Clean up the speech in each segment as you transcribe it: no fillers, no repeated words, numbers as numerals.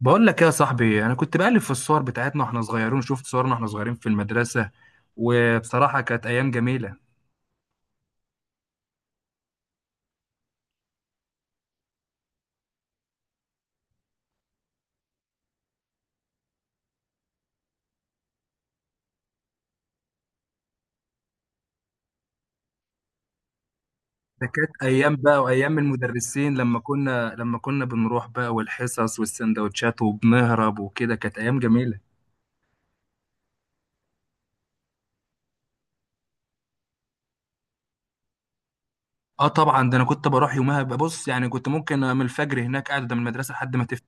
بقول لك يا صاحبي، انا كنت بقلب في الصور بتاعتنا واحنا صغيرين. شفت صورنا واحنا صغيرين في المدرسه، وبصراحه كانت ايام جميله. ده كانت ايام بقى، وايام المدرسين لما كنا بنروح بقى، والحصص والسندوتشات وبنهرب وكده. كانت ايام جميله. اه طبعا، ده انا كنت بروح يومها. ببص يعني كنت ممكن من الفجر هناك قاعد قدام المدرسه لحد ما تفتح.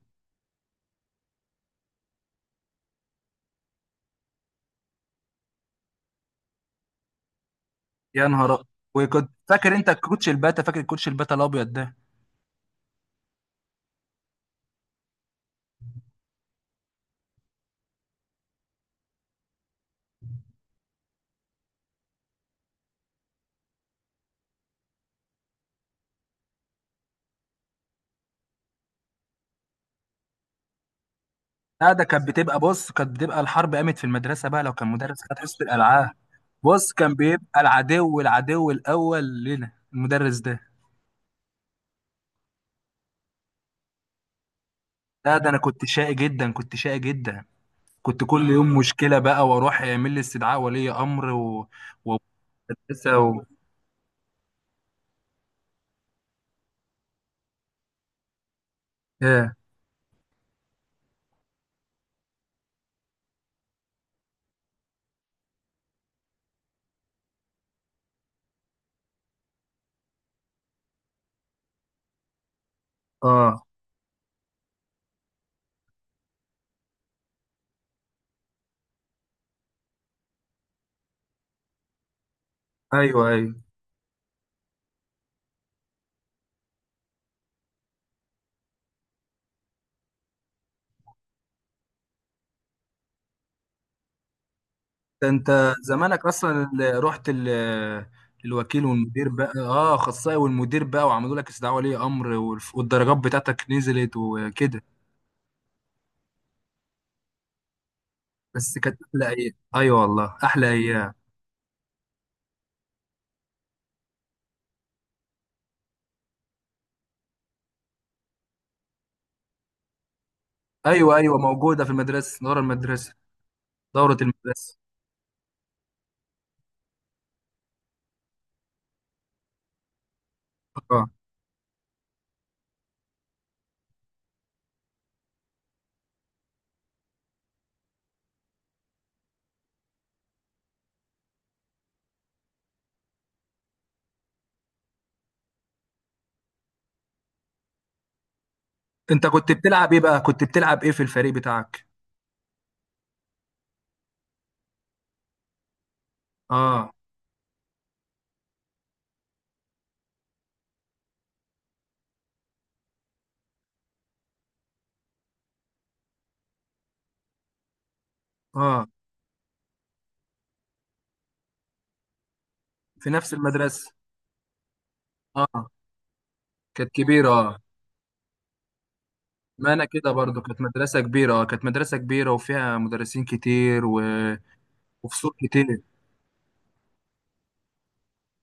يا نهار أ- وكنت فاكر انت الكوتش الباتا؟ فاكر الكوتش الباتا الابيض ده؟ لا، ده كانت بتبقى الحرب قامت في المدرسة بقى لو كان مدرس خد حصة الألعاب. بص، كان بيبقى العدو الأول لنا المدرس ده. لا، ده أنا كنت شقي جدا، كنت شقي جدا. كنت كل يوم مشكلة بقى، وأروح يعمل لي استدعاء ولي أمر و... ومدرسة و... إيه. آه. أيوه أيوه. ده أنت زمانك أصلا اللي رحت ال... الوكيل والمدير بقى. اه، اخصائي والمدير بقى، وعملوا لك استدعاء ولي امر والدرجات بتاعتك نزلت وكده. بس كانت احلى ايام. ايوه والله، احلى ايام. ايوه ايوه، موجوده في المدرسه، دوره المدرسه. دوره المدرسه. اه. انت كنت بتلعب ايه بقى؟ كنت بتلعب ايه في الفريق بتاعك؟ اه. اه. في نفس المدرسه. اه، كانت كبيره. اه، ما انا كده برضو، كانت مدرسه كبيره. اه، كانت مدرسه كبيره، وفيها مدرسين كتير و... وفصول كتير.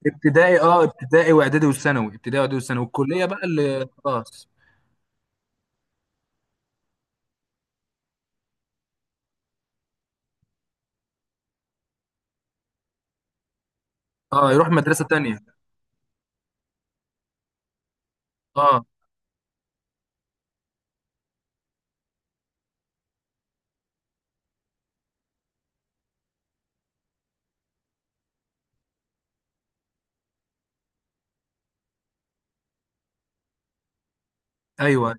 ابتدائي، اه، ابتدائي واعدادي وثانوي، ابتدائي واعدادي وثانوي، والكليه بقى اللي خلاص. اه، يروح مدرسه تانية. اه. ايوه.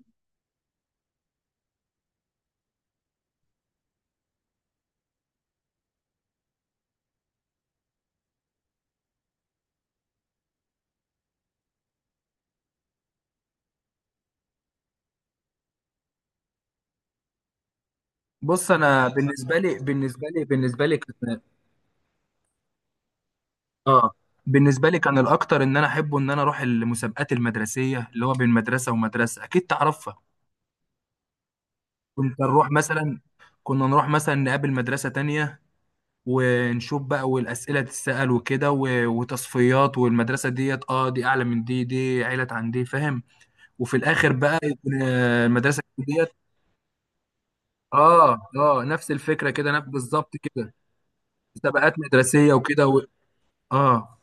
بص، انا بالنسبه لي كان. اه، بالنسبه لي كان الاكتر ان انا احبه ان انا اروح المسابقات المدرسيه، اللي هو بين مدرسه ومدرسه، اكيد تعرفها. كنت نروح مثلا كنا نروح مثلا نقابل مدرسه تانية، ونشوف بقى والاسئله تتسال وكده وتصفيات. والمدرسه ديت، اه، دي اعلى من دي، دي عيله عن دي، فاهم. وفي الاخر بقى يكون، المدرسه ديت. اه اه، نفس الفكره كده، نفس بالظبط كده. مسابقات مدرسيه وكده و... اه.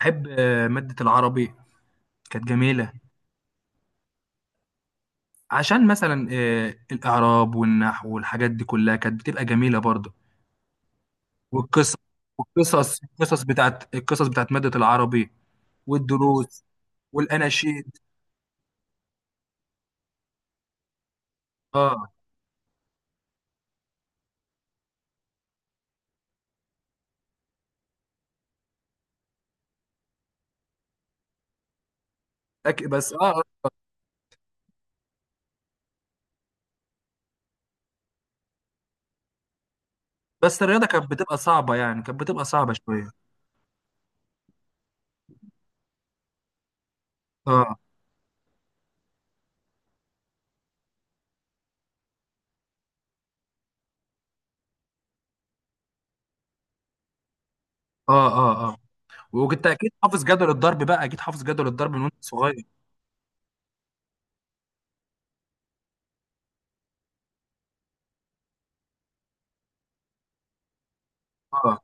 بحب مادة العربي، كانت جميلة. عشان مثلا الإعراب والنحو والحاجات دي كلها كانت بتبقى جميلة برضه. والقصص، القصص بتاعت، القصص بتاعت مادة العربي. والدروس. والأناشيد. اه. بس اه. بس الرياضة كانت بتبقى صعبة شوية. اه اه اه اه. وكنت أكيد حافظ جدول الضرب بقى، أكيد حافظ جدول الضرب من وأنت صغير. اه.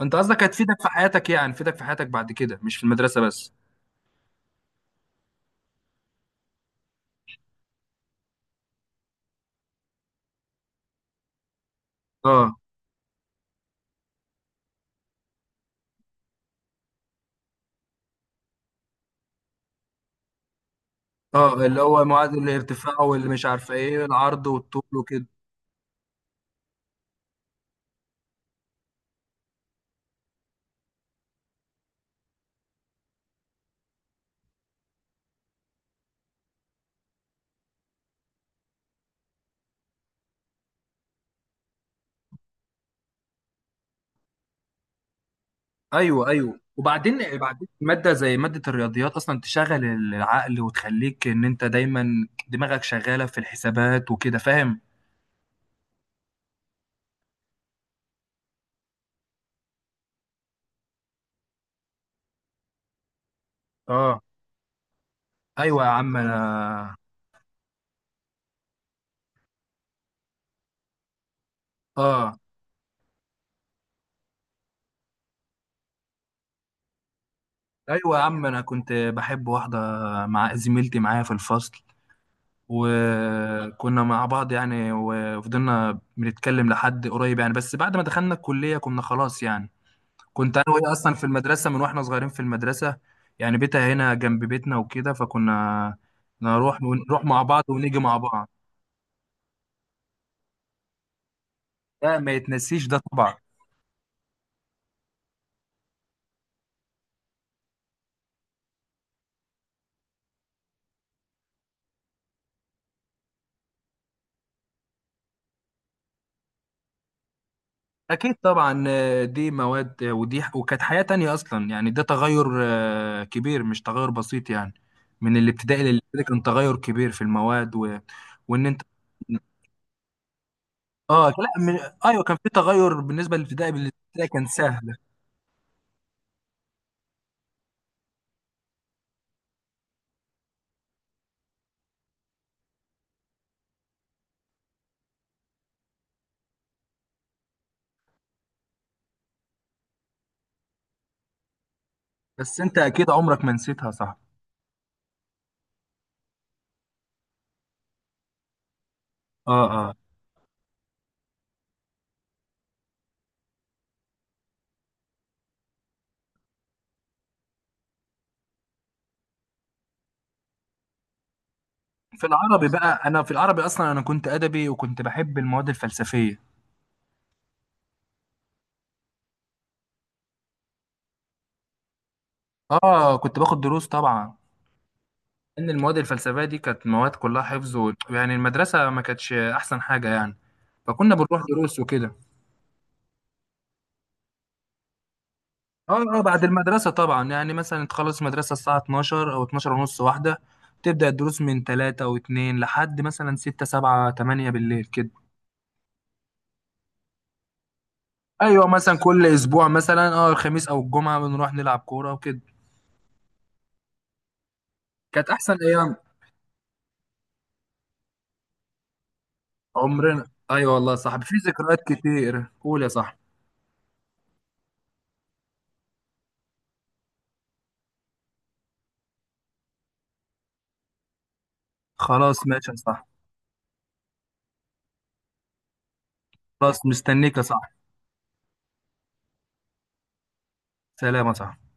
أنت قصدك هتفيدك في حياتك؟ بعد كده، مش في المدرسة بس. اه. اه، اللي هو معادل الارتفاع، واللي مش عارفه ايه، العرض والطول وكده. ايوه ايوه. وبعدين ماده زي ماده الرياضيات اصلا تشغل العقل، وتخليك ان انت دايما دماغك شغاله في الحسابات وكده، فاهم. اه. ايوه يا عم انا اه ايوه يا عم، انا كنت بحب واحده، مع زميلتي معايا في الفصل. وكنا مع بعض يعني، وفضلنا بنتكلم لحد قريب يعني. بس بعد ما دخلنا الكليه كنا خلاص يعني. كنت انا وهي اصلا في المدرسه من واحنا صغيرين في المدرسه، يعني بيتها هنا جنب بيتنا وكده. فكنا نروح مع بعض، ونيجي مع بعض. ده ما يتنسيش ده طبعا. اكيد طبعا، دي مواد، ودي، وكانت حياه تانية اصلا يعني. ده تغير كبير، مش تغير بسيط يعني. من الابتدائي للابتدائي كان تغير كبير في المواد و... وان انت. اه، لا من... ايوه، كان في تغير بالنسبه للابتدائي. بالابتدائي كان سهل. بس انت اكيد عمرك ما نسيتها، صح. اه اه. في العربي بقى، انا في العربي اصلا انا كنت ادبي، وكنت بحب المواد الفلسفيه. اه، كنت باخد دروس طبعا. ان المواد الفلسفيه دي كانت مواد كلها حفظ و... يعني المدرسه ما كانتش احسن حاجه يعني، فكنا بنروح دروس وكده. اه اه، بعد المدرسه طبعا. يعني مثلا تخلص مدرسه الساعه 12 او 12 ونص، واحده. تبدا الدروس من 3 و2 لحد مثلا 6 7 8 بالليل كده. ايوه، مثلا كل اسبوع مثلا، اه، الخميس او الجمعه بنروح نلعب كوره وكده. كانت احسن ايام. عمرنا، ايوه والله صح. في ذكريات كتير، قول يا صاحبي. خلاص ماشي يا صاحبي. خلاص مستنيك يا صاحبي. سلام يا صاحبي.